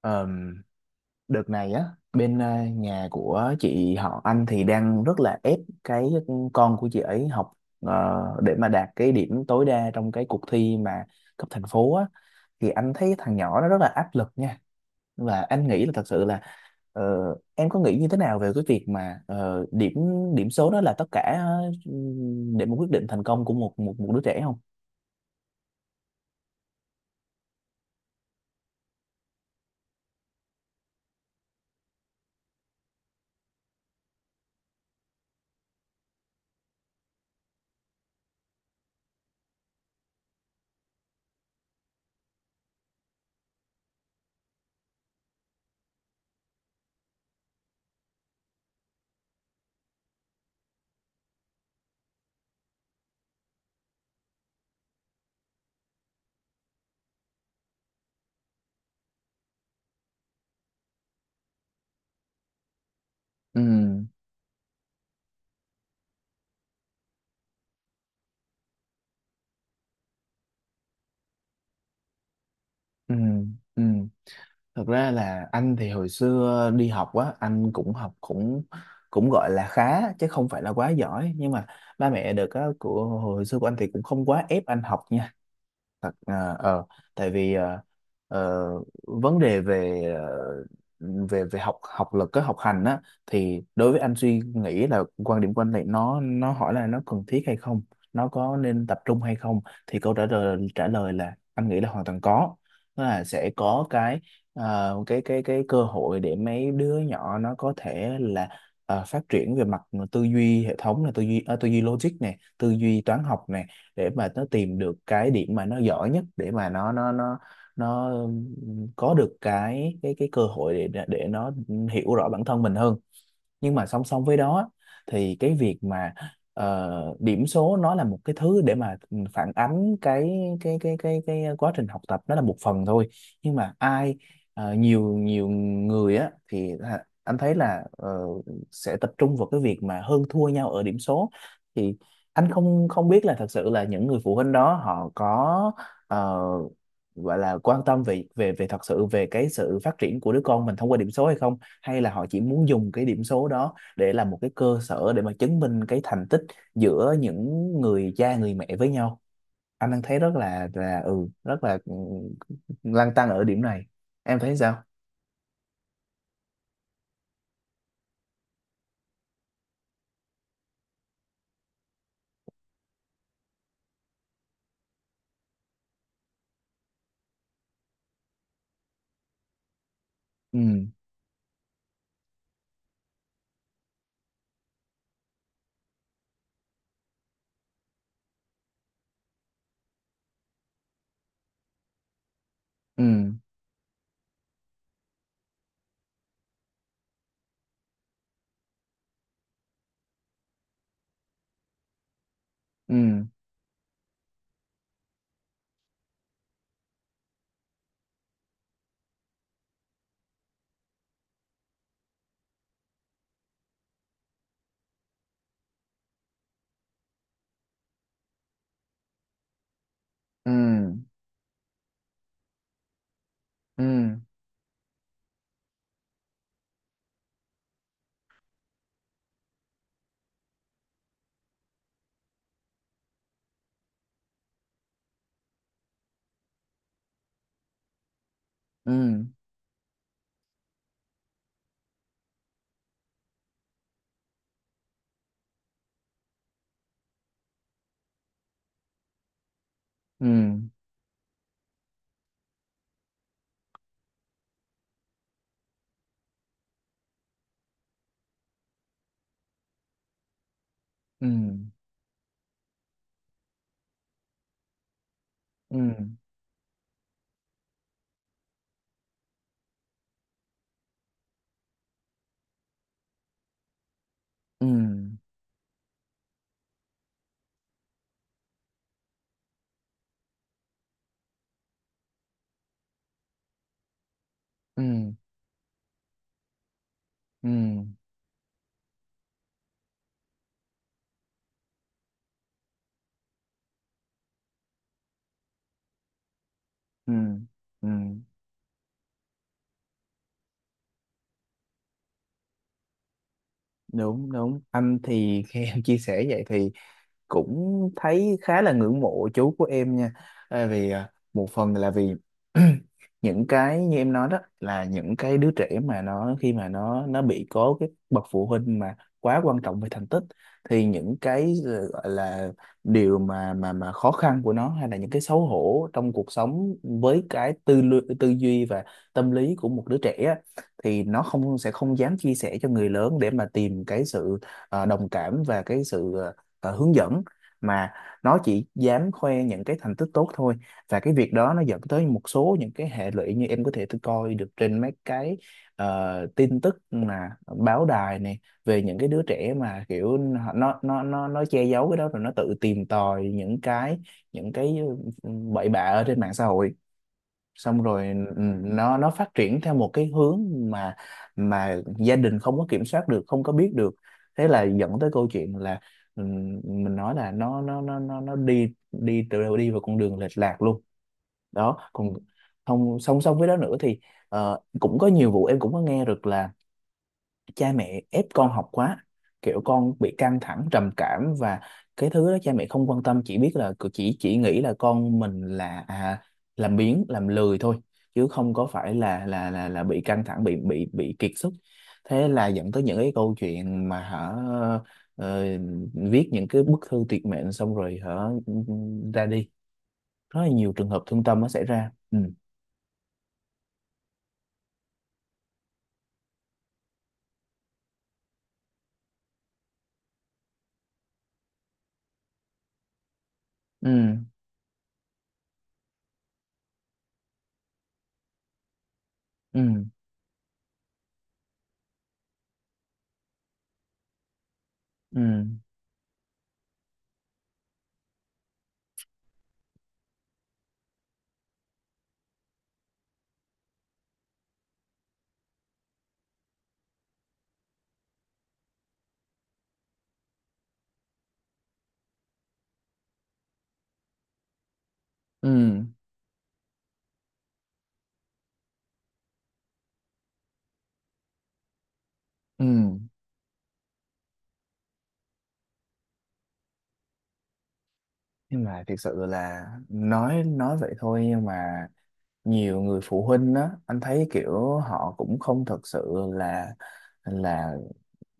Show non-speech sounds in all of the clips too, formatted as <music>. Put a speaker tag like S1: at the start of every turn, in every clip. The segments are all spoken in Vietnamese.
S1: Ờm, đợt này á, bên nhà của chị họ anh thì đang rất là ép cái con của chị ấy học, ờ, để mà đạt cái điểm tối đa trong cái cuộc thi mà cấp thành phố á, thì anh thấy thằng nhỏ nó rất là áp lực nha. Và anh nghĩ là thật sự là ờ, em có nghĩ như thế nào về cái việc mà điểm điểm số đó là tất cả, để mà quyết định thành công của một một một đứa trẻ không? Ừ, ừ, ừ. Thật ra là anh thì hồi xưa đi học á, anh cũng học cũng cũng gọi là khá chứ không phải là quá giỏi, nhưng mà ba mẹ được á của hồi xưa của anh thì cũng không quá ép anh học nha. Thật à, tại vì ờ, vấn đề về về về học học lực cái học hành á, thì đối với anh suy nghĩ là quan điểm của anh này, nó hỏi là nó cần thiết hay không, nó có nên tập trung hay không, thì câu trả lời là anh nghĩ là hoàn toàn có. Tức là sẽ có cái cái cơ hội để mấy đứa nhỏ nó có thể là phát triển về mặt tư duy hệ thống, là tư duy tư duy logic này, tư duy toán học, để mà nó tìm được cái điểm mà nó giỏi nhất, để mà nó nó có được cái cơ hội để nó hiểu rõ bản thân mình hơn. Nhưng mà song song với đó, thì cái việc mà điểm số nó là một cái thứ để mà phản ánh cái cái quá trình học tập, nó là một phần thôi. Nhưng mà ai nhiều nhiều người á thì là- anh thấy là sẽ tập trung vào cái việc mà hơn thua nhau ở điểm số, thì anh không không biết là thật sự là những người phụ huynh đó họ có ờ, gọi là quan tâm về về về thật sự về cái sự phát triển của đứa con mình thông qua điểm số hay không, hay là họ chỉ muốn dùng cái điểm số đó để làm một cái cơ sở để mà chứng minh cái thành tích giữa những người cha người mẹ với nhau. Anh đang thấy rất là ừ rất là lăn tăn ở điểm này. Em thấy sao? ừ, ừ, ừ, ừ, ừ, ừ, ừ, ừ, ừ, ừ, ừ, ừ, ừ, ừ. Đúng, đúng, anh thì <laughs> khi em chia sẻ vậy thì cũng thấy khá là ngưỡng mộ chú của em nha. À, vì à, một phần là vì <clears throat> những cái như em nói đó là những cái đứa trẻ mà nó, khi mà nó bị có cái bậc phụ huynh mà quá quan trọng về thành tích, thì những cái gọi là điều mà mà khó khăn của nó, hay là những cái xấu hổ trong cuộc sống với cái tư duy và tâm lý của một đứa trẻ á, thì nó không sẽ không dám chia sẻ cho người lớn để mà tìm cái sự đồng cảm và cái sự hướng dẫn, mà nó chỉ dám khoe những cái thành tích tốt thôi. Và cái việc đó nó dẫn tới một số những cái hệ lụy như em có thể tôi coi được trên mấy cái tin tức mà báo đài này, về những cái đứa trẻ mà kiểu nó che giấu cái đó, rồi nó tự tìm tòi những cái những cái ừ, bậy bạ ở trên mạng xã hội, xong rồi ừ, nó phát triển theo một cái hướng mà gia đình không có kiểm soát được, không có biết được. Thế là dẫn tới câu chuyện là mình nói là nó đi đi từ đi vào con đường lệch lạc luôn đó. Còn không, song song với đó nữa thì cũng có nhiều vụ em cũng có nghe được là cha mẹ ép con học quá, kiểu con bị căng thẳng trầm cảm, và cái thứ đó cha mẹ không quan tâm, chỉ biết là chỉ nghĩ là con mình là à, làm biếng làm lười thôi chứ không có phải là là bị căng thẳng, bị bị kiệt sức. Thế là dẫn tới những cái câu chuyện mà hả ờ, viết những cái bức thư tuyệt mệnh, xong rồi hả ra đi, rất là nhiều trường hợp thương tâm nó xảy ra. Ừ, ừ, ừ, ừ, ừ, ừ. Nhưng mà thực sự là nói vậy thôi, nhưng mà nhiều người phụ huynh á anh thấy kiểu họ cũng không thật sự là là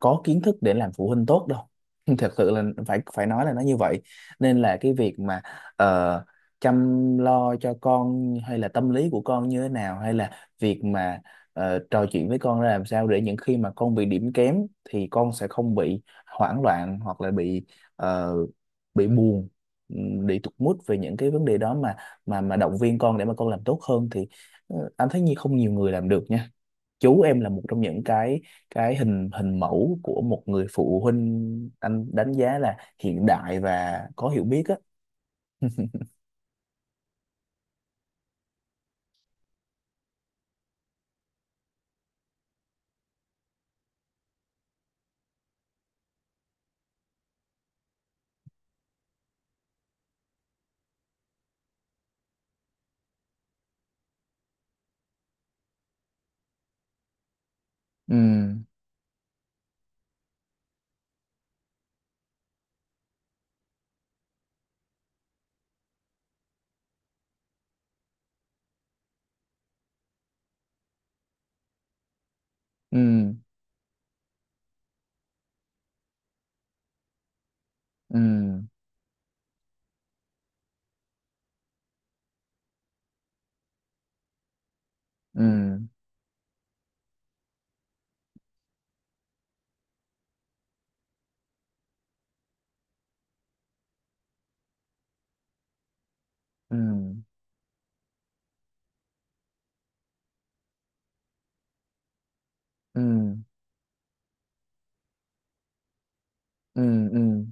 S1: có kiến thức để làm phụ huynh tốt đâu. <laughs> Thật sự là phải phải nói là nó như vậy. Nên là cái việc mà ờ, chăm lo cho con hay là tâm lý của con như thế nào, hay là việc mà trò chuyện với con ra làm sao để những khi mà con bị điểm kém thì con sẽ không bị hoảng loạn, hoặc là bị ờ, bị buồn, bị tụt mood về những cái vấn đề đó, mà mà động viên con để mà con làm tốt hơn, thì anh thấy như không nhiều người làm được nha. Chú em là một trong những cái hình hình mẫu của một người phụ huynh anh đánh giá là hiện đại và có hiểu biết á. Ừ, ừ, ừ, ừ, ừ, ừ, ừ, ừ,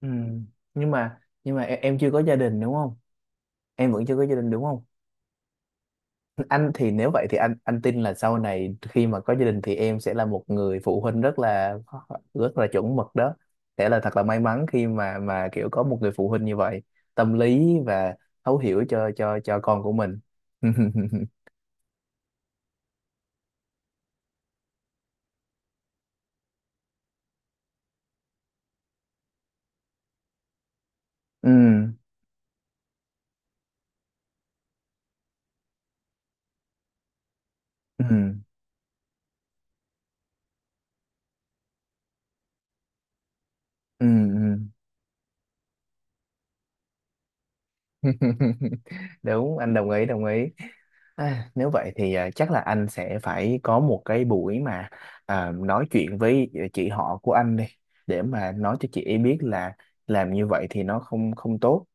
S1: ừ. Nhưng mà em chưa có gia đình đúng không? Em vẫn chưa có gia đình đúng không? Anh thì nếu vậy thì anh tin là sau này khi mà có gia đình thì em sẽ là một người phụ huynh rất là chuẩn mực đó. Sẽ là thật là may mắn khi mà kiểu có một người phụ huynh như vậy, tâm lý và thấu hiểu cho cho con của mình. <laughs> Ừ, ừ, ừ, ừ. <laughs> Đúng, anh đồng ý, đồng ý. À, nếu vậy thì à, chắc là anh sẽ phải có một cái buổi mà à, nói chuyện với chị họ của anh đi, để mà nói cho chị ấy biết là làm như vậy thì nó không không tốt.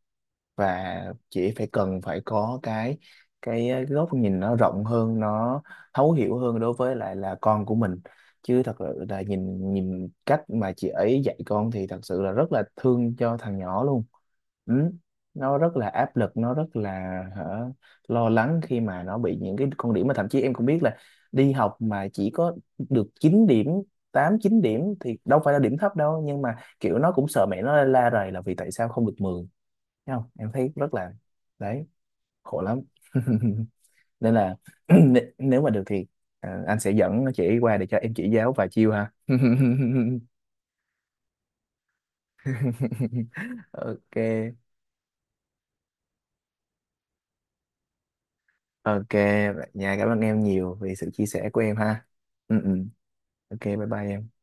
S1: Và chỉ phải cần phải có cái góc nhìn nó rộng hơn, nó thấu hiểu hơn đối với lại là con của mình. Chứ thật sự là nhìn nhìn cách mà chị ấy dạy con thì thật sự là rất là thương cho thằng nhỏ luôn. Ừ. Nó rất là áp lực, nó rất là hả, lo lắng khi mà nó bị những cái con điểm, mà thậm chí em cũng biết là đi học mà chỉ có được 9 điểm, 8 9 điểm thì đâu phải là điểm thấp đâu, nhưng mà kiểu nó cũng sợ mẹ nó la rầy là vì tại sao không được 10. Thấy không, em thấy rất là đấy, khổ lắm. <laughs> Nên là <clears throat> nếu mà được thì à, anh sẽ dẫn chị qua để cho em chỉ giáo vài chiêu ha. <laughs> Ok, ok, vậy nha, cảm ơn em nhiều vì sự chia sẻ của em ha. Ừ, ừ. Ok, bye bye em.